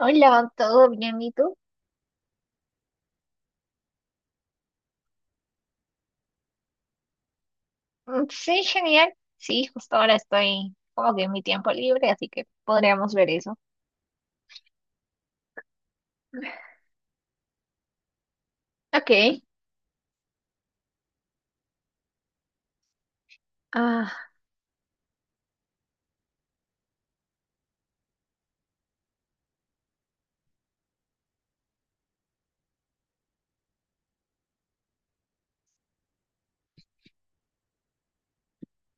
Hola, ¿todo bien? ¿Y tú? Mm, sí, genial. Sí, justo ahora estoy como que en mi tiempo libre, así que podríamos ver eso. Ok. Ah,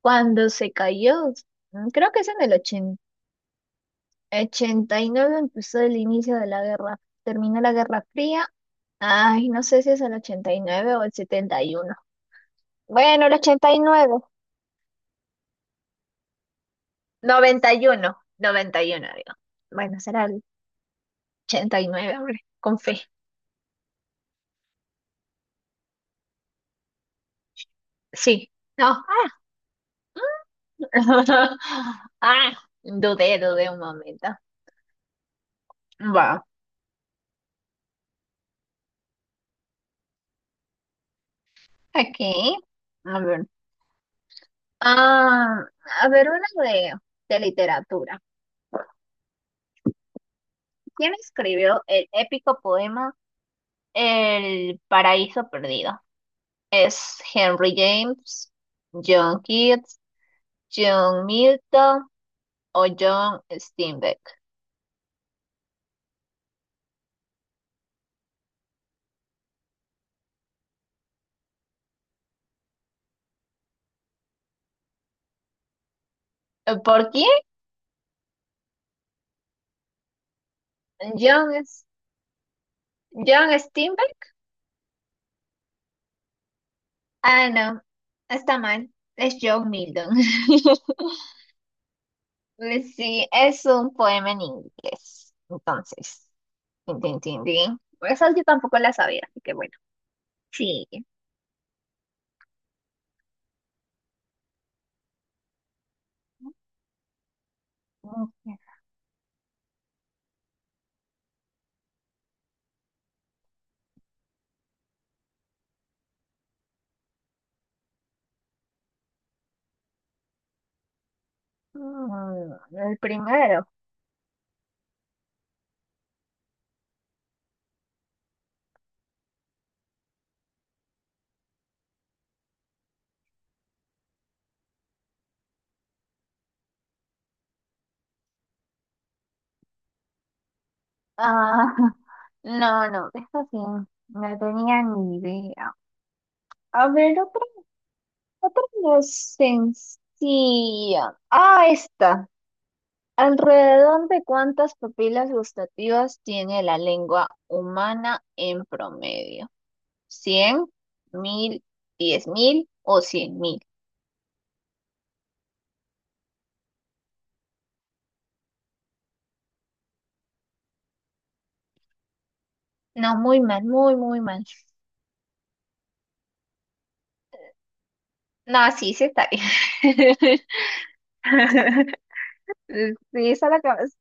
cuando se cayó, creo que es en el ochenta y nueve, empezó el inicio de la guerra. Terminó la Guerra Fría. Ay, no sé si es el 89 o el 71. Bueno, el ochenta y nueve. Noventa y uno, digo. Bueno, será el 89, hombre, con fe. Sí. No. Ah, dudé, dudé un momento. Va, aquí, a ver. Ah, a ver, una de literatura. ¿Quién escribió el épico poema El Paraíso Perdido? ¿Es Henry James, John Keats, John Milton o John Steinbeck? ¿Por quién? John, S- John Steinbeck. Ah, no, está mal. Es John Milton. Pues sí, es un poema en inglés. Entonces, tin, tin, tin, tin. Esas yo tampoco las sabía, así que bueno. Sí. Ok. Mm, el primero. Ah, no, no, eso sí, no tenía ni idea. A ver, otra, otra no sencilla. Ah, esta. ¿Alrededor de cuántas papilas gustativas tiene la lengua humana en promedio? 100, 1.000, 10.000 o 100.000. No, muy mal, muy, muy mal. No, sí, sí está bien. Sí, esa la acabas.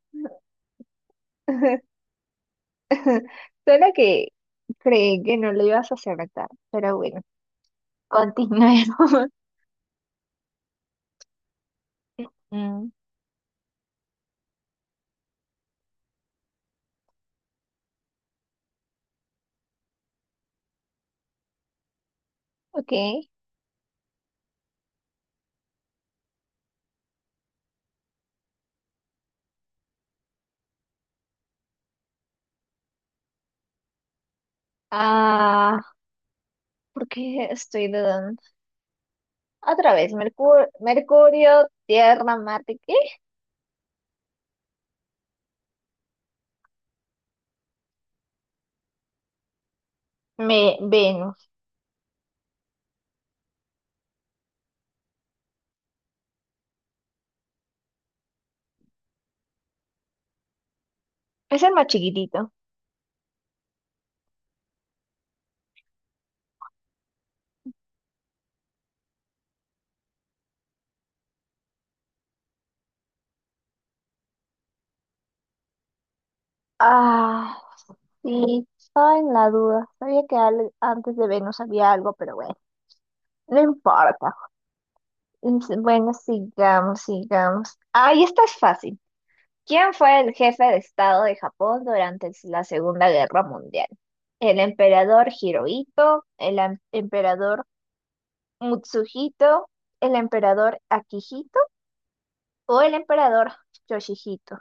Solo que creí que no lo ibas a acertar, pero bueno, continuemos. Mm, ok. Ah, ¿por qué estoy dudando? Otra vez, Mercurio, Tierra, Marte, ¿qué? Me Venus. Es el más chiquitito. Ah. Sí, estaba en la duda. Sabía que antes de Venus había algo, pero bueno, no importa. Bueno, sigamos, sigamos. Ahí esta es fácil. ¿Quién fue el jefe de Estado de Japón durante la Segunda Guerra Mundial? ¿El emperador Hirohito? ¿El emperador Mutsuhito? ¿El emperador Akihito? ¿O el emperador Yoshihito?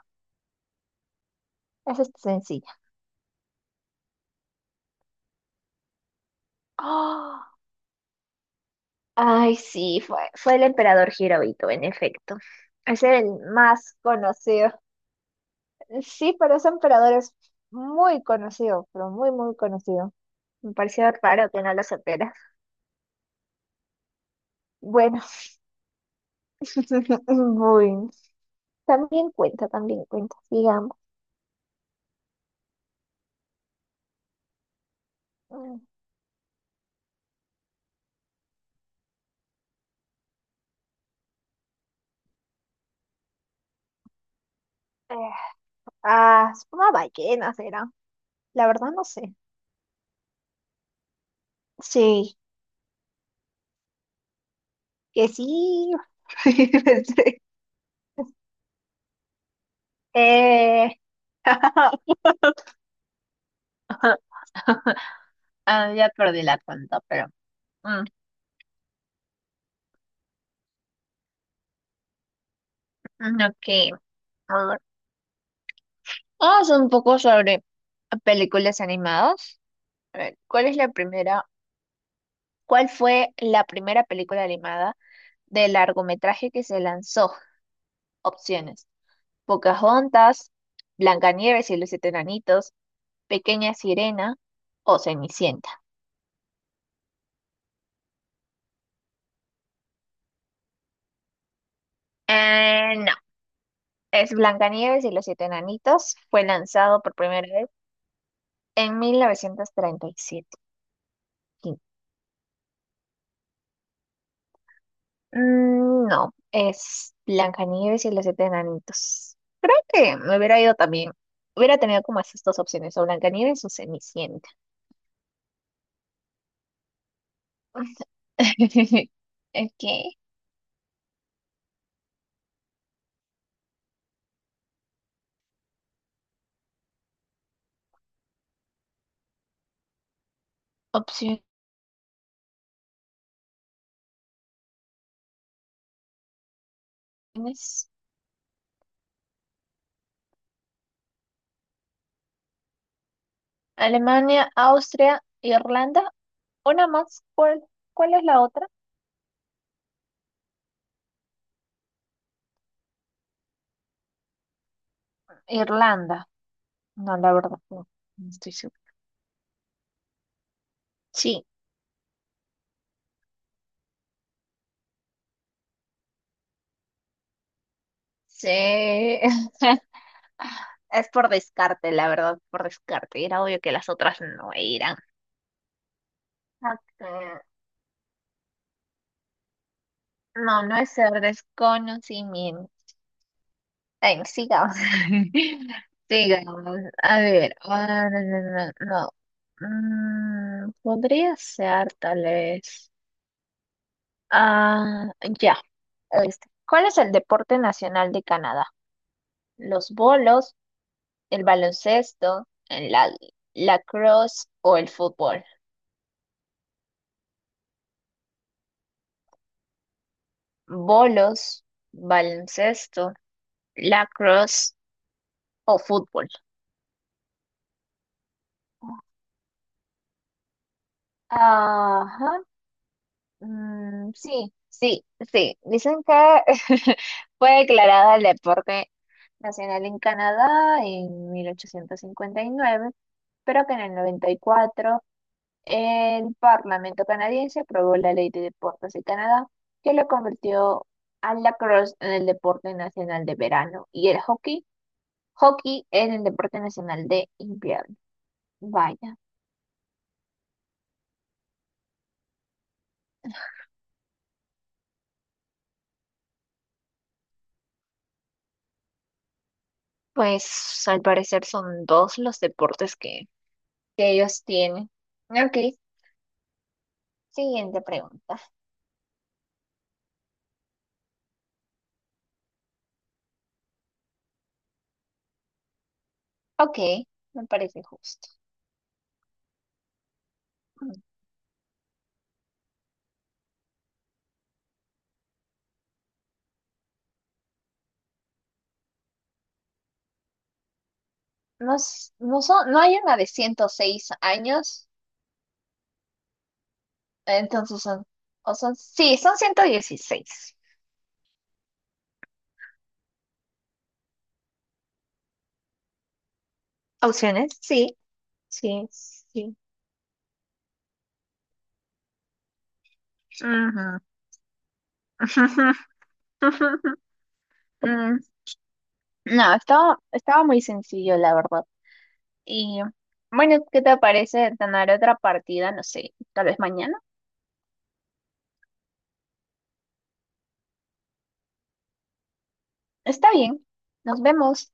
Esa es sencilla. ¡Ah! Ay, sí, fue el emperador Hirohito, en efecto. Es el más conocido. Sí, pero ese emperador es muy conocido, pero muy, muy conocido. Me pareció raro que no lo supieras. Bueno, muy. También cuenta, digamos. Mm, eh, es una ballena será. La verdad no sé. Sí, que sí. Pensé. Eh, Ah, ya perdí la cuenta, pero. Mm, ok, a ver. Vamos un poco sobre películas animadas. A ver, ¿cuál es la primera? ¿Cuál fue la primera película animada de largometraje que se lanzó? Opciones: Pocahontas, Blancanieves y los Siete Enanitos, Pequeña Sirena o Cenicienta. No, es Blancanieves y los Siete Enanitos. Fue lanzado por primera vez en 1937. No, es Blancanieves y los siete enanitos. Creo que me hubiera ido también. Hubiera tenido como esas dos opciones, o Blancanieves o Cenicienta. Ok, opciones. Alemania, Austria, Irlanda. Una más. ¿Cuál es la otra? Irlanda. No, la verdad, no, no estoy segura. Sí, sí. Es por descarte, la verdad, por descarte. Era obvio que las otras no eran. Ok. No, no es ser desconocimiento. Ay, no, sigamos. Sigamos. A ver. No, no, no, no. Podría ser tal vez. Ah, ya. Este. ¿Cuál es el deporte nacional de Canadá? ¿Los bolos, el baloncesto, el la lacrosse o el fútbol? Bolos, baloncesto, lacrosse o fútbol. Ajá. Mm, sí, sí, sí. Dicen que fue declarada el deporte nacional en Canadá en 1859, pero que en el 94 el Parlamento canadiense aprobó la Ley de Deportes de Canadá, que lo convirtió al lacrosse en el deporte nacional de verano y el hockey en el deporte nacional de invierno. Vaya, pues al parecer son dos los deportes que ellos tienen. Ok, siguiente pregunta. Ok, me parece justo. No, no, son, no hay una de 106 años, entonces son, o son, sí, son 116. ¿Opciones? Sí, sí, sí. Ujú. Mm, no, estaba muy sencillo, la verdad. Y bueno, ¿qué te parece ganar otra partida? No sé, tal vez mañana. Está bien, nos vemos.